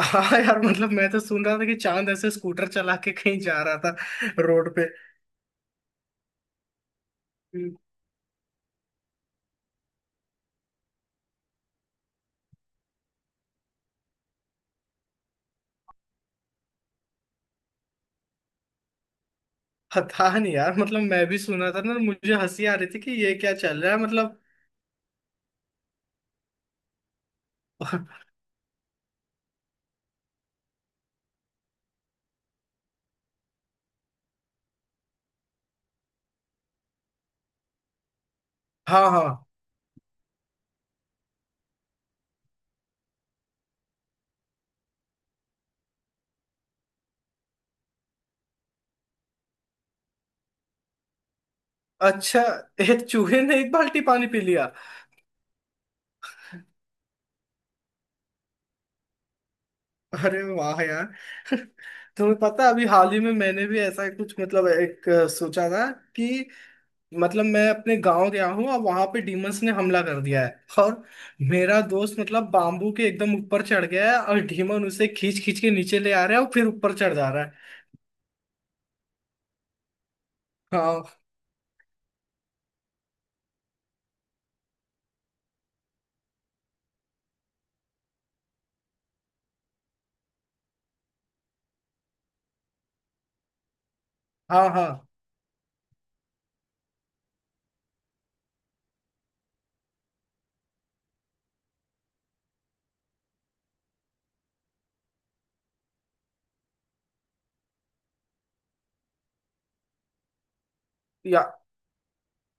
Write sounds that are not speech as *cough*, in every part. हाँ यार, मतलब मैं तो सुन रहा था कि चांद ऐसे स्कूटर चला के कहीं जा रहा था रोड पे। पता नहीं यार, मतलब मैं भी सुना था ना, मुझे हंसी आ रही थी कि ये क्या चल रहा है मतलब। *laughs* हाँ, हाँ। अच्छा, एक चूहे ने एक बाल्टी पानी पी लिया। अरे वाह यार। *laughs* तुम्हें पता है, अभी हाल ही में मैंने भी ऐसा कुछ मतलब एक सोचा था कि मतलब मैं अपने गांव गया हूँ और वहां पे डीमंस ने हमला कर दिया है, और मेरा दोस्त मतलब बाम्बू के एकदम ऊपर चढ़ गया है और डीमन उसे खींच खींच के नीचे ले आ रहा है और फिर ऊपर चढ़ जा रहा है। हाँ, हाँ, हाँ। या,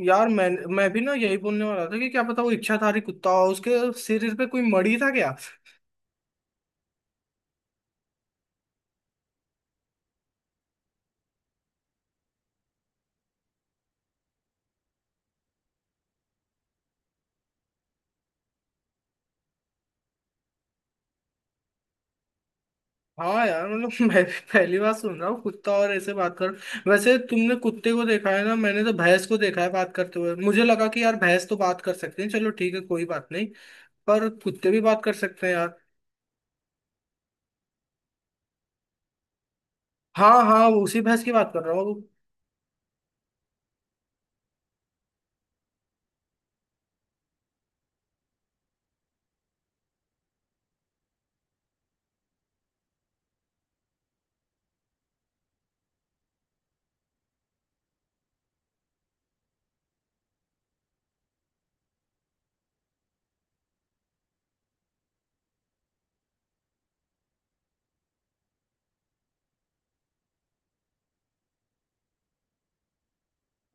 यार मैं भी ना यही बोलने वाला था कि क्या पता वो इच्छाधारी कुत्ता हो, उसके शरीर पे कोई मड़ी था क्या। हाँ यार, मतलब *laughs* मैं भी पहली बार सुन रहा हूँ कुत्ता और ऐसे बात कर। वैसे तुमने कुत्ते को देखा है ना, मैंने तो भैंस को देखा है बात करते हुए, मुझे लगा कि यार भैंस तो बात कर सकते हैं, चलो ठीक है कोई बात नहीं, पर कुत्ते भी बात कर सकते हैं यार। हाँ हाँ, वो उसी भैंस की बात कर रहा हूँ।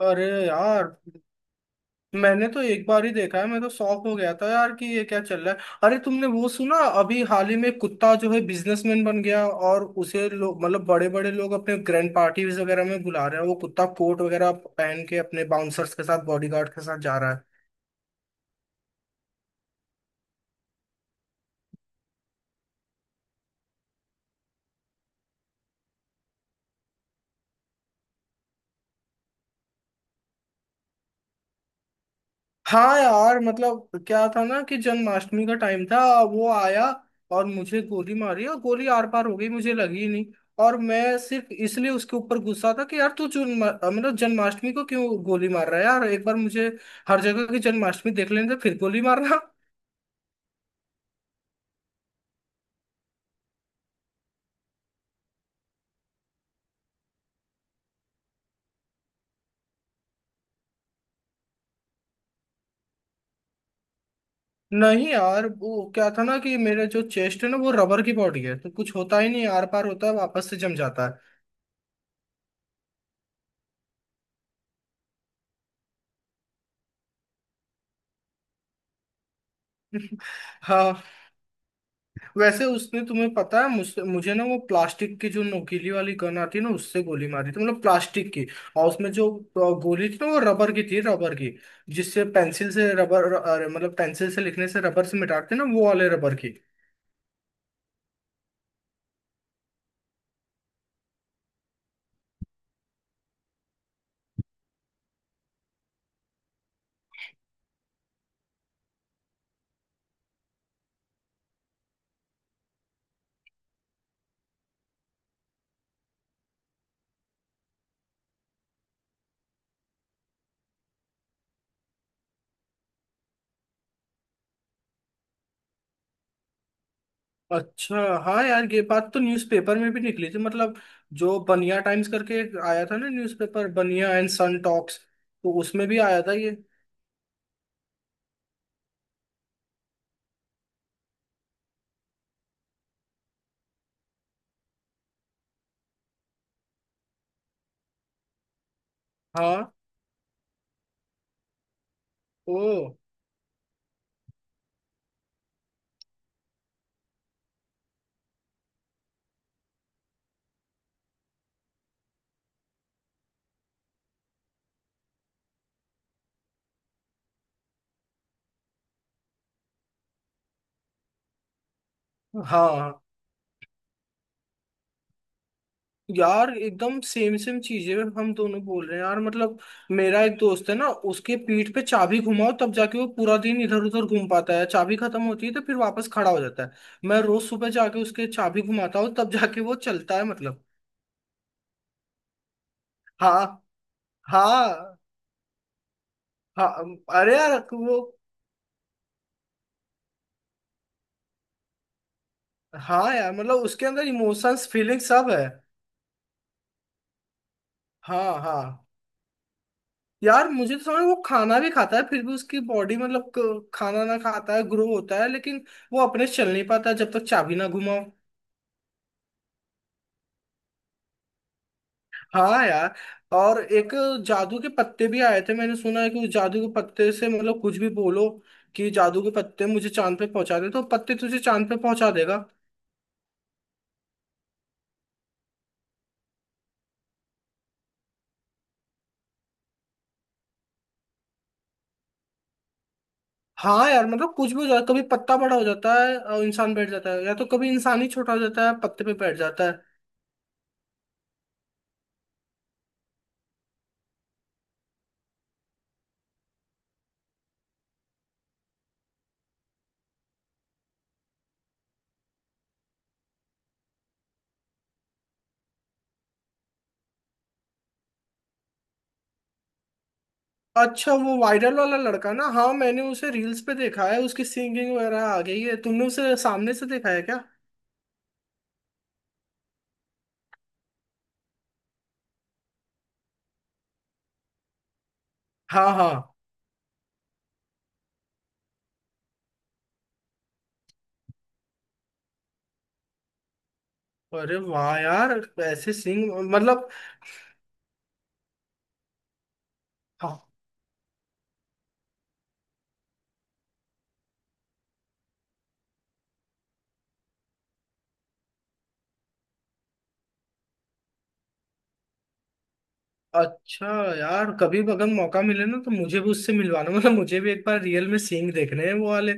अरे यार, मैंने तो एक बार ही देखा है, मैं तो शॉक हो गया था यार कि ये क्या चल रहा है। अरे तुमने वो सुना अभी हाल ही में कुत्ता जो है बिजनेसमैन बन गया और उसे लोग मतलब बड़े बड़े लोग अपने ग्रैंड पार्टीज वगैरह में बुला रहे हैं, वो कुत्ता कोट वगैरह पहन के अपने बाउंसर्स के साथ बॉडीगार्ड के साथ जा रहा है। हाँ यार, मतलब क्या था ना कि जन्माष्टमी का टाइम था, वो आया और मुझे गोली मारी और गोली आर पार हो गई, मुझे लगी ही नहीं। और मैं सिर्फ इसलिए उसके ऊपर गुस्सा था कि यार तू जन्म मतलब जन्माष्टमी को क्यों गोली मार रहा है यार, एक बार मुझे हर जगह की जन्माष्टमी देख लेने दे फिर गोली मारना। *laughs* नहीं यार, वो क्या था ना कि मेरा जो चेस्ट है ना वो रबर की बॉडी है, तो कुछ होता ही नहीं, आर पार होता है वापस से जम जाता है। *laughs* हाँ। वैसे उसने तुम्हें पता है मुझसे मुझे ना वो प्लास्टिक की जो नोकीली वाली गन आती है ना उससे गोली मारी थी मतलब प्लास्टिक की। और उसमें जो गोली थी ना वो रबर की थी, रबर की, जिससे पेंसिल से रबर अरे मतलब पेंसिल से लिखने से रबर से मिटाते ना वो वाले रबर की। अच्छा हाँ यार, ये बात तो न्यूज़पेपर में भी निकली थी मतलब, जो बनिया टाइम्स करके एक आया था ना newspaper Baniya and son talks, तो उसमें भी आया था ये। हाँ। ओ। हाँ यार, एकदम सेम सेम चीजें हम दोनों बोल रहे हैं यार मतलब, मेरा एक दोस्त है ना उसके पीठ पे चाबी घुमाओ तब जाके वो पूरा दिन इधर उधर घूम पाता है, चाबी खत्म होती है तो फिर वापस खड़ा हो जाता है। मैं रोज सुबह जाके उसके चाबी घुमाता हूँ तब जाके वो चलता है मतलब। हाँ, हाँ, हाँ। अरे यार वो। हाँ यार, मतलब उसके अंदर इमोशंस फीलिंग सब है। हाँ हाँ, यार मुझे तो समझ वो खाना भी खाता है फिर भी उसकी बॉडी मतलब खाना ना खाता है ग्रो होता है लेकिन वो अपने से चल नहीं पाता जब तक चाबी ना घुमाओ। हाँ यार। और एक जादू के पत्ते भी आए थे, मैंने सुना है कि उस जादू के पत्ते से मतलब कुछ भी बोलो कि जादू के पत्ते मुझे चांद पे पहुंचा दे तो पत्ते तुझे चांद पे पहुंचा देगा। हाँ यार, मतलब कुछ भी हो जाता है, कभी पत्ता बड़ा हो जाता है और इंसान बैठ जाता है या तो कभी इंसान ही छोटा हो जाता है पत्ते पे बैठ जाता है। अच्छा वो वायरल वाला लड़का ना, हाँ मैंने उसे रील्स पे देखा है, उसकी सिंगिंग वगैरह आ गई है, तुमने उसे सामने से देखा है क्या। हाँ, हाँ। अरे वाह यार। ऐसे सिंग मतलब। हाँ। अच्छा यार, कभी भी अगर मौका मिले ना तो मुझे भी उससे मिलवाना, मतलब मुझे भी एक बार रियल में सिंग देखने हैं वो वाले।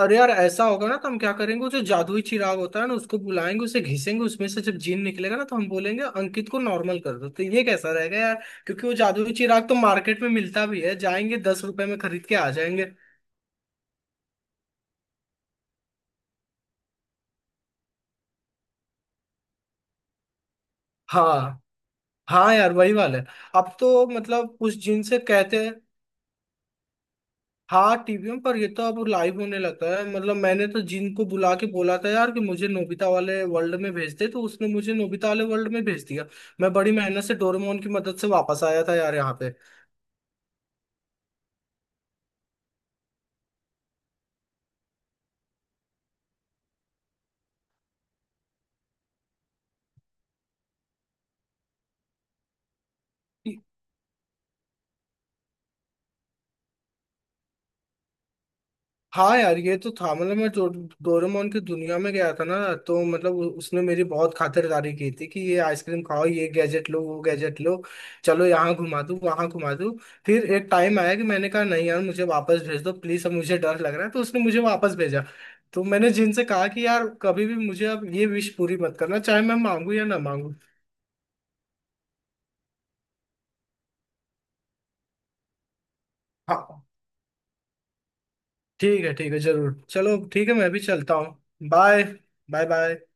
अरे यार, ऐसा होगा ना तो हम क्या करेंगे, वो जो जादुई चिराग होता है ना उसको बुलाएंगे, उसे घिसेंगे, उसमें से जब जीन निकलेगा ना तो हम बोलेंगे अंकित को नॉर्मल कर दो, तो ये कैसा रहेगा यार। क्योंकि वो जादुई चिराग तो मार्केट में मिलता भी है, जाएंगे 10 रुपए में खरीद के आ जाएंगे। हाँ हाँ यार, वही वाला है, अब तो मतलब उस जिन से कहते हैं। हाँ टीवी में, पर ये तो अब लाइव होने लगा है मतलब, मैंने तो जिन को बुला के बोला था यार कि मुझे नोबिता वाले वर्ल्ड में भेज दे, तो उसने मुझे नोबिता वाले वर्ल्ड में भेज दिया। मैं बड़ी मेहनत से डोरेमोन की मदद से वापस आया था यार यहाँ पे। हाँ यार, ये तो था मतलब मैं डोरेमोन की दुनिया में गया था ना, तो मतलब उसने मेरी बहुत खातिरदारी की थी कि ये आइसक्रीम खाओ ये गैजेट लो वो गैजेट लो, चलो यहाँ घुमा दूँ वहाँ घुमा दूँ। फिर एक टाइम आया कि मैंने कहा नहीं यार मुझे वापस भेज दो प्लीज़, अब मुझे डर लग रहा है, तो उसने मुझे वापस भेजा। तो मैंने जिनसे कहा कि यार कभी भी मुझे अब ये विश पूरी मत करना, चाहे मैं मांगू या ना मांगू। हाँ, ठीक है, ठीक है, जरूर, चलो ठीक है, मैं भी चलता हूँ, बाय, बाय, बाय।